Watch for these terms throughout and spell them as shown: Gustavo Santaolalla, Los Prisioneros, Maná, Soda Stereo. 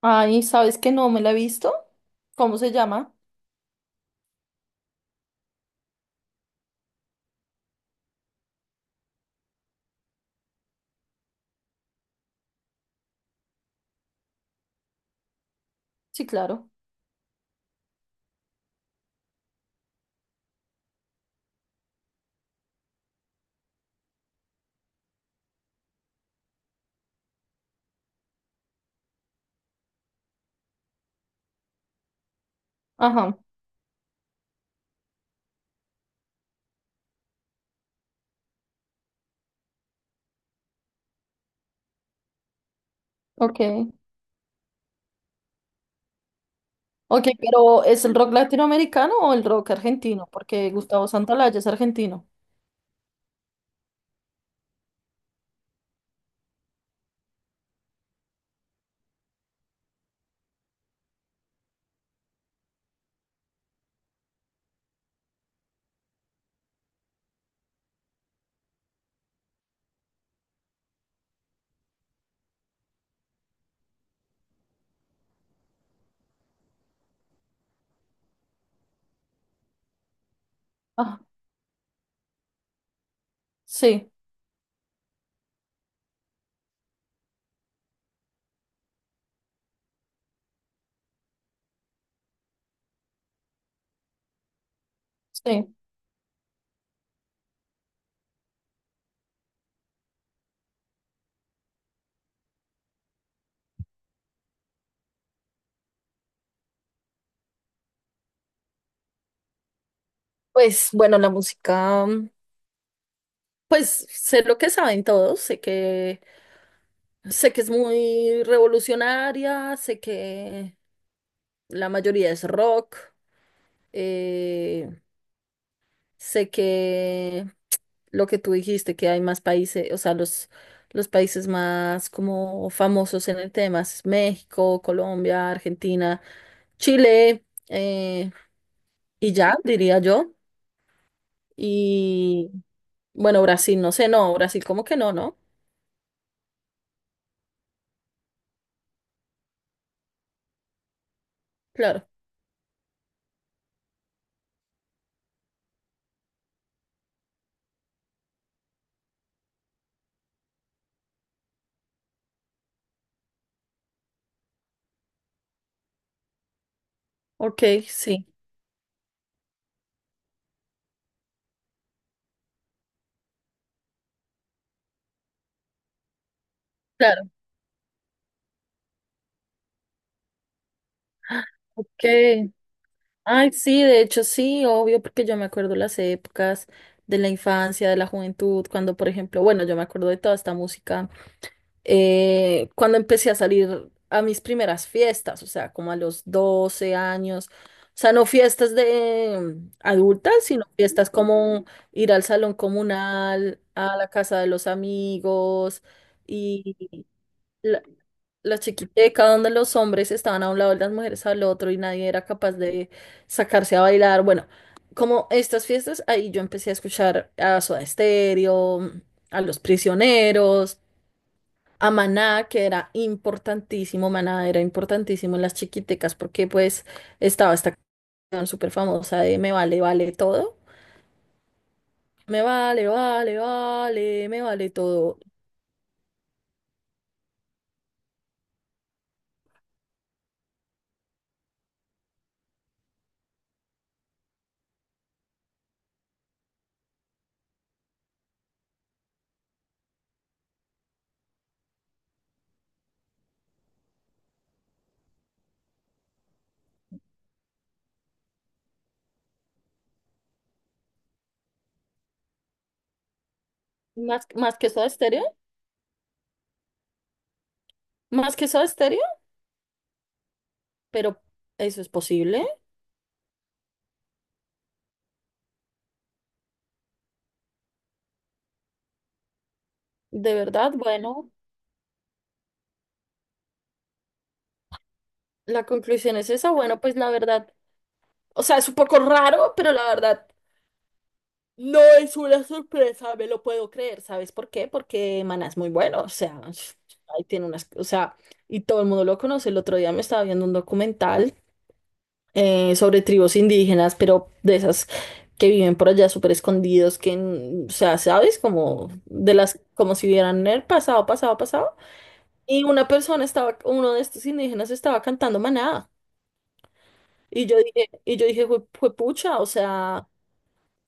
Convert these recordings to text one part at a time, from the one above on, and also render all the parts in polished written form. Ay, ¿sabes que no me la he visto? ¿Cómo se llama? Sí, claro. Ajá, ok. Ok, pero ¿es el rock latinoamericano o el rock argentino? Porque Gustavo Santaolalla es argentino. Ah, sí, sí. Pues bueno, la música, pues sé lo que saben todos, sé que es muy revolucionaria, sé que la mayoría es rock. Sé que lo que tú dijiste, que hay más países, o sea, los países más como famosos en el tema es México, Colombia, Argentina, Chile, y ya, diría yo. Y bueno, Brasil, no sé, no, Brasil como que no, ¿no? Claro. Ok, sí, claro. Ok. Ay, sí, de hecho sí, obvio, porque yo me acuerdo las épocas de la infancia, de la juventud, cuando, por ejemplo, bueno, yo me acuerdo de toda esta música. Cuando empecé a salir a mis primeras fiestas, o sea, como a los 12 años, o sea, no fiestas de adultas, sino fiestas como ir al salón comunal, a la casa de los amigos y la, la chiquiteca donde los hombres estaban a un lado y las mujeres al otro y nadie era capaz de sacarse a bailar. Bueno, como estas fiestas, ahí yo empecé a escuchar a Soda Stereo, a Los Prisioneros, a Maná, que era importantísimo. Maná era importantísimo en las chiquitecas, porque pues estaba esta canción súper famosa de Me vale, vale todo, me vale, vale, vale, me vale todo. Más, más que Soda Stereo, más que Soda Stereo, pero eso es posible, de verdad, bueno, la conclusión es esa. Bueno, pues la verdad, o sea, es un poco raro, pero la verdad. No es una sorpresa, me lo puedo creer. ¿Sabes por qué? Porque Maná es muy bueno, o sea, ahí tiene unas, o sea, y todo el mundo lo conoce. El otro día me estaba viendo un documental sobre tribus indígenas, pero de esas que viven por allá súper escondidos, que, n- o sea, ¿sabes? Como de las, como si vieran el pasado, pasado, pasado. Y una persona estaba, uno de estos indígenas estaba cantando Maná. Y yo dije, fue pucha, o sea,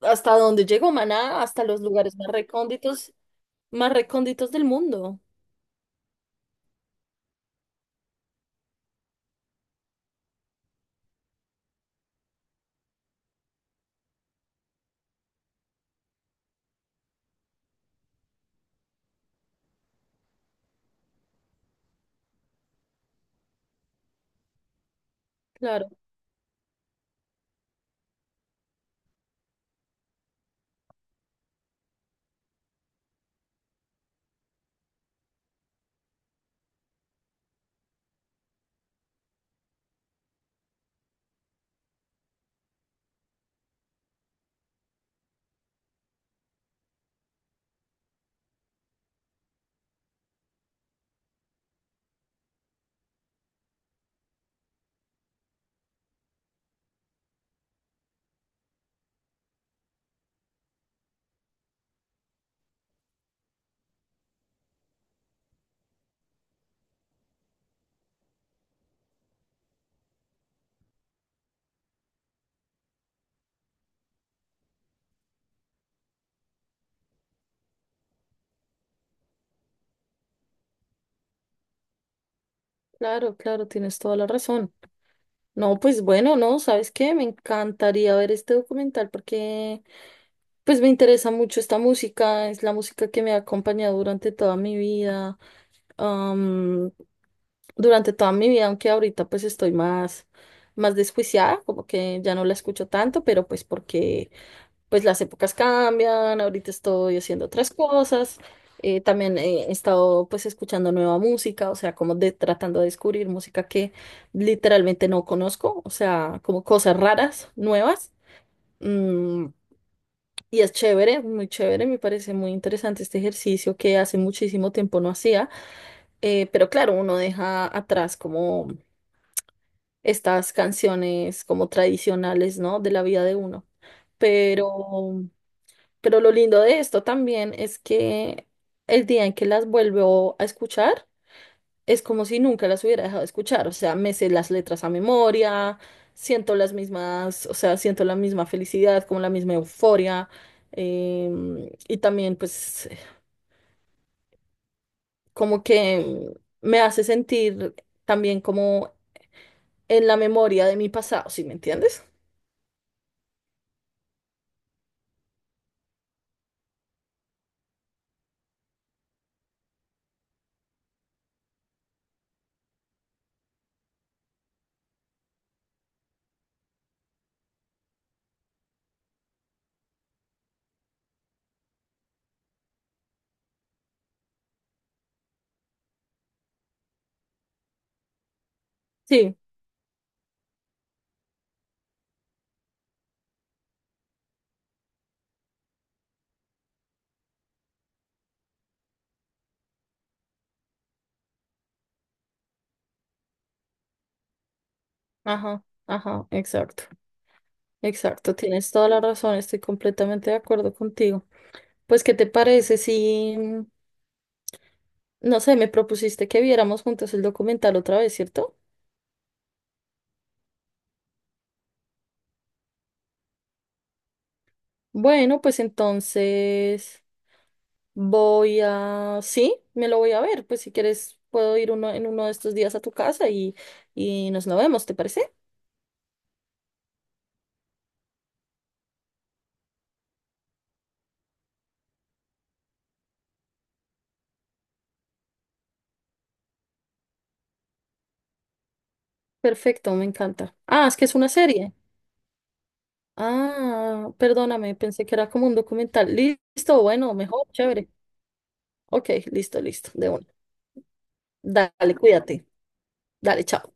hasta dónde llegó Maná, hasta los lugares más recónditos. Más recónditos del mundo. Claro, claro, claro, tienes toda la razón. No, pues bueno, no, ¿sabes qué? Me encantaría ver este documental porque pues me interesa mucho esta música, es la música que me ha acompañado durante toda mi vida, am, aunque ahorita pues estoy más, más desjuiciada, como que ya no la escucho tanto, pero pues porque pues las épocas cambian. Ahorita estoy haciendo otras cosas, también he estado pues escuchando nueva música, o sea, como de tratando de descubrir música que literalmente no conozco, o sea, como cosas raras, nuevas, mm, y es chévere, muy chévere, me parece muy interesante este ejercicio que hace muchísimo tiempo no hacía, pero claro, uno deja atrás como estas canciones como tradicionales, ¿no? De la vida de uno. Pero Pero lo lindo de esto también es que el día en que las vuelvo a escuchar es como si nunca las hubiera dejado de escuchar. O sea, me sé las letras a memoria, siento las mismas, o sea, siento la misma felicidad, como la misma euforia. Y también pues como que me hace sentir también como en la memoria de mi pasado, ¿sí me entiendes? Sí, ajá, ajá, exacto, exacto, tienes toda la razón, estoy completamente de acuerdo contigo. Pues, ¿qué te parece si, no sé, me propusiste que viéramos juntos el documental otra vez, ¿cierto? Bueno, pues entonces voy a, sí, me lo voy a ver. Pues si quieres, puedo ir uno, en uno de estos días a tu casa y nos lo vemos, ¿te parece? Perfecto, me encanta. Ah, es que es una serie. Ah, perdóname, pensé que era como un documental. Listo, bueno, mejor, chévere. Ok, listo, listo, de una. Dale, cuídate. Dale, chao.